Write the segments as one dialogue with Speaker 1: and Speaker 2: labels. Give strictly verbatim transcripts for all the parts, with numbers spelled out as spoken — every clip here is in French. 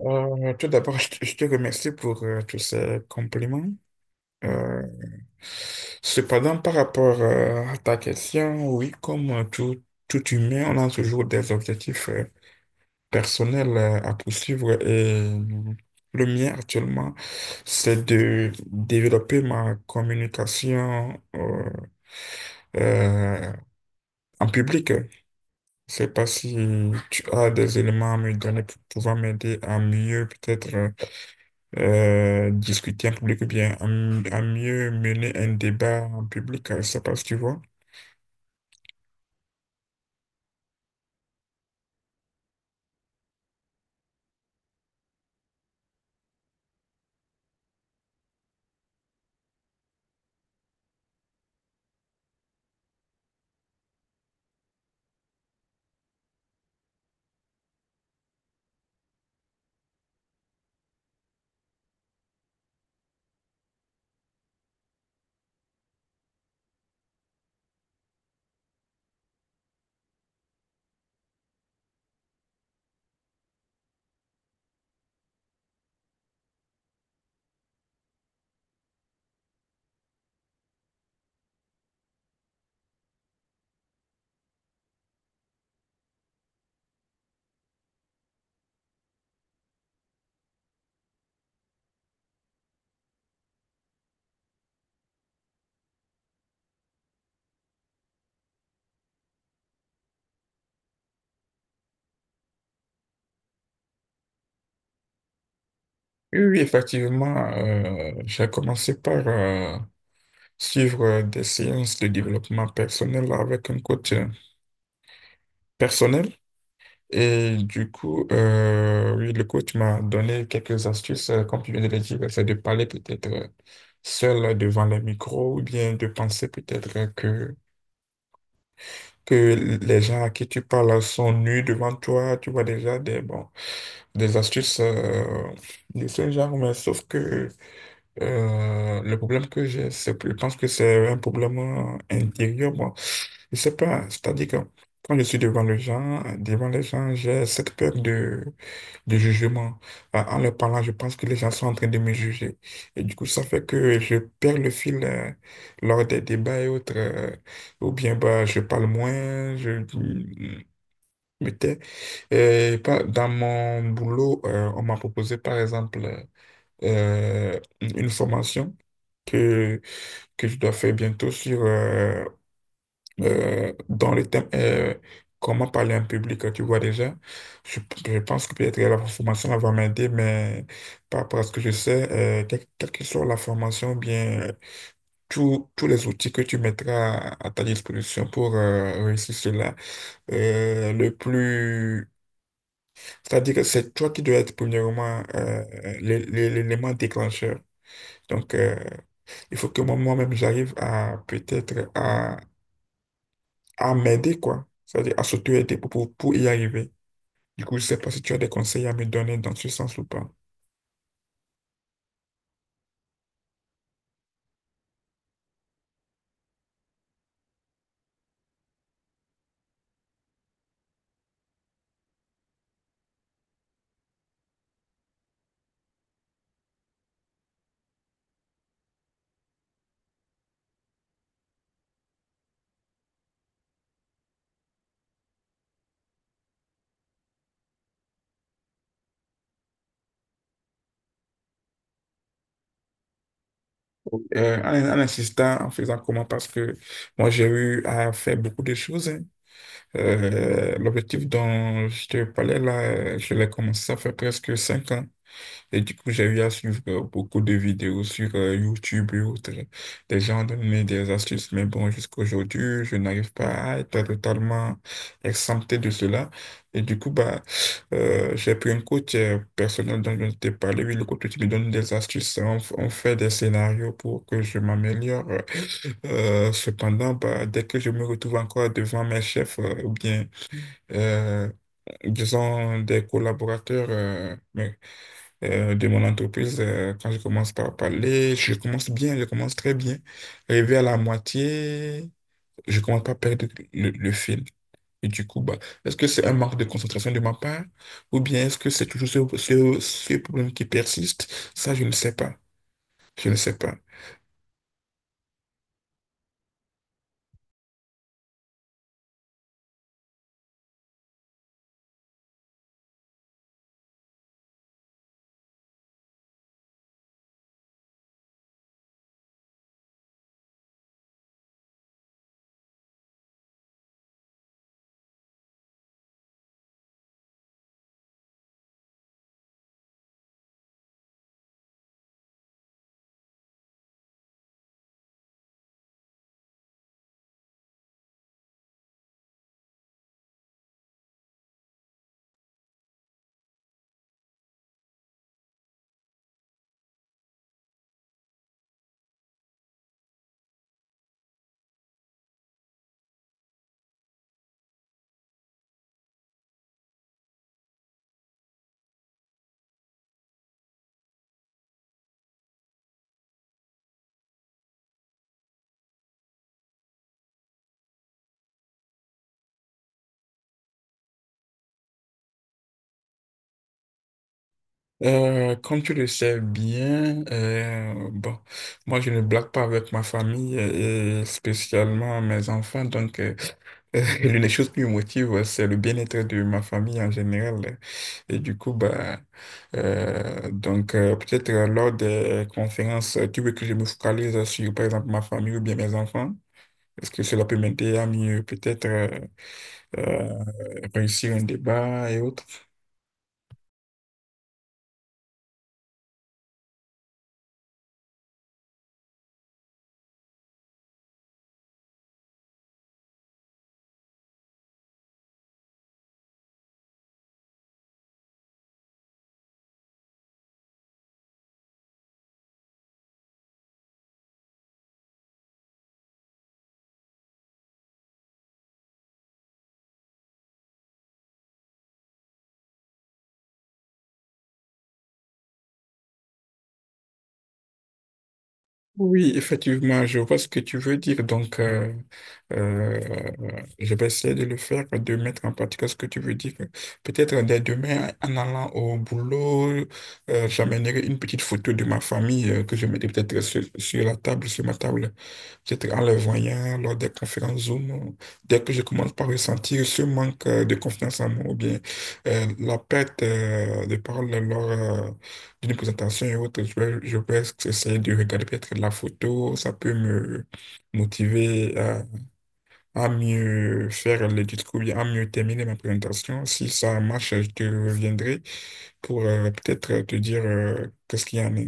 Speaker 1: Euh, tout d'abord, je te je te remercie pour euh, tous ces compliments. Euh, Cependant, par rapport euh, à ta question, oui, comme euh, tout, tout humain, on a toujours des objectifs euh, personnels euh, à poursuivre et euh, le mien actuellement, c'est de développer ma communication euh, euh, en public. Je sais pas si tu as des éléments à me donner pour pouvoir m'aider à mieux peut-être euh, euh, discuter en public ou bien à, m- à mieux mener un débat en public, euh, ça passe, tu vois. Oui, oui, effectivement, euh, j'ai commencé par euh, suivre euh, des séances de développement personnel avec un coach euh, personnel. Et du coup, euh, oui, le coach m'a donné quelques astuces, euh, comme tu viens de le dire, c'est de parler peut-être euh, seul devant le micro ou bien de penser peut-être euh, que, que les gens à qui tu parles sont nus devant toi. Tu vois déjà des, bon, des astuces euh, de ce genre, mais sauf que euh, le problème que j'ai, c'est, je pense que c'est un problème euh, intérieur. Bon, je sais pas, c'est-à-dire que quand je suis devant les gens, devant les gens, j'ai cette peur de de jugement. Euh, En leur parlant, je pense que les gens sont en train de me juger. Et du coup, ça fait que je perds le fil euh, lors des débats et autres. Euh, ou bien bah, je parle moins, je dis- me tais. Et par- dans mon boulot, euh, on m'a proposé, par exemple, euh, une formation que, que je dois faire bientôt sur euh, euh, dans le thème euh, comment parler à un public, tu vois déjà. Je, je pense que peut-être la formation elle va m'aider, mais par rapport à ce que je sais, euh, quelle, quelle que soit la formation, bien euh, tous tous les outils que tu mettras à, à ta disposition pour euh, réussir cela, euh, le plus... C'est-à-dire que c'est toi qui dois être premièrement euh, l'é- l'é- l'élément déclencheur. Donc, euh, il faut que moi- moi-même, j'arrive à peut-être à m'aider, quoi. C'est-à-dire à s'auto-aider pour, pour, pour y arriver. Du coup, je ne sais pas si tu as des conseils à me donner dans ce sens ou pas. Euh, en, en insistant, en faisant comment, parce que moi, j'ai eu à faire beaucoup de choses, hein. Euh, l'objectif dont je te parlais, là, euh, je l'ai commencé, ça fait presque cinq ans. Et du coup, j'ai eu à suivre euh, beaucoup de vidéos sur euh, YouTube et autres. euh, Des gens donnaient des astuces, mais bon, jusqu'à aujourd'hui, je n'arrive pas à être totalement exempté de cela. Et du coup, bah, euh, j'ai pris un coach euh, personnel dont je t'ai parlé. Oui, le coach qui me donne des astuces. On, f- on fait des scénarios pour que je m'améliore. Euh, cependant, bah, dès que je me retrouve encore devant mes chefs, euh, ou bien, euh, disons, des collaborateurs, euh, euh, de mon entreprise, euh, quand je commence par parler, je commence bien, je commence très bien. Arrivé à la moitié, je commence pas à perdre le, le fil. Et du coup, bah, est-ce que c'est un manque de concentration de ma part ou bien est-ce que c'est toujours ce, ce, ce problème qui persiste? Ça, je ne sais pas. Je ne sais pas. Euh, comme tu le sais bien, euh, bon, moi je ne blague pas avec ma famille euh, et spécialement mes enfants, donc euh, euh, l'une des choses qui me motive, c'est le bien-être de ma famille en général. Et du coup, bah, euh, donc euh, peut-être lors des conférences, tu veux que je me focalise sur par exemple ma famille ou bien mes enfants? Est-ce que cela peut m'aider à mieux peut-être euh, euh, réussir un débat et autres? Oui, effectivement, je vois ce que tu veux dire. Donc, euh, euh, je vais essayer de le faire, de mettre en pratique ce que tu veux dire. Peut-être dès demain, en allant au boulot, euh, j'amènerai une petite photo de ma famille euh, que je mettrai peut-être sur, sur la table, sur ma table. Peut-être en les voyant lors des conférences Zoom, dès que je commence par ressentir ce manque euh, de confiance en moi ou bien euh, la perte euh, de parole d'une présentation et autres, je vais, je vais essayer de regarder peut-être la photo, ça peut me motiver à, à mieux faire le discours, bien à mieux terminer ma présentation. Si ça marche, je te reviendrai pour euh, peut-être te dire euh, qu'est-ce qu'il y en a.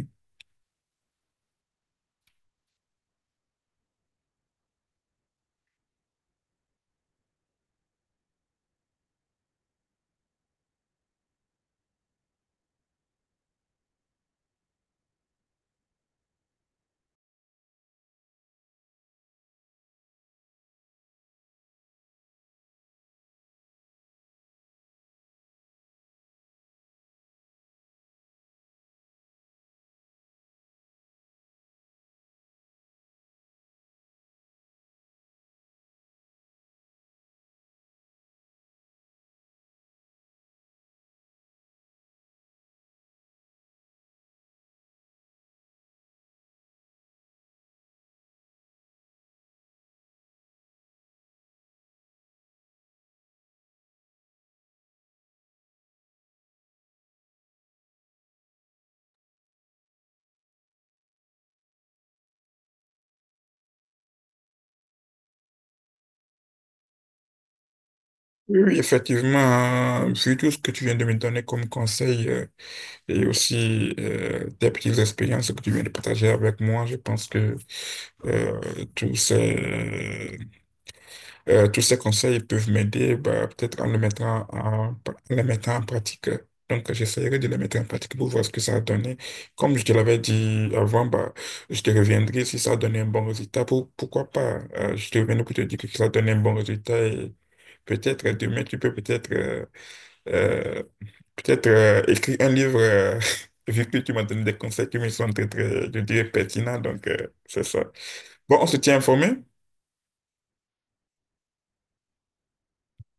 Speaker 1: Oui, oui, effectivement, euh, vu tout ce que tu viens de me donner comme conseil euh, et aussi euh, tes petites expériences que tu viens de partager avec moi, je pense que euh, tous ces Euh, tous ces conseils peuvent m'aider, bah, peut-être en le mettant en, en les mettant en pratique. Donc, j'essaierai de les mettre en pratique pour voir ce que ça a donné. Comme je te l'avais dit avant, bah, je te reviendrai si ça a donné un bon résultat. Pour, pourquoi pas? Euh, je te reviendrai pour te dire que ça a donné un bon résultat et peut-être demain, tu peux peut-être euh, euh, peut-être euh, écrire un livre, euh, vu que tu m'as donné des conseils qui me sont très, très, je dirais, pertinents. Donc, euh, c'est ça. Bon, on se tient informé.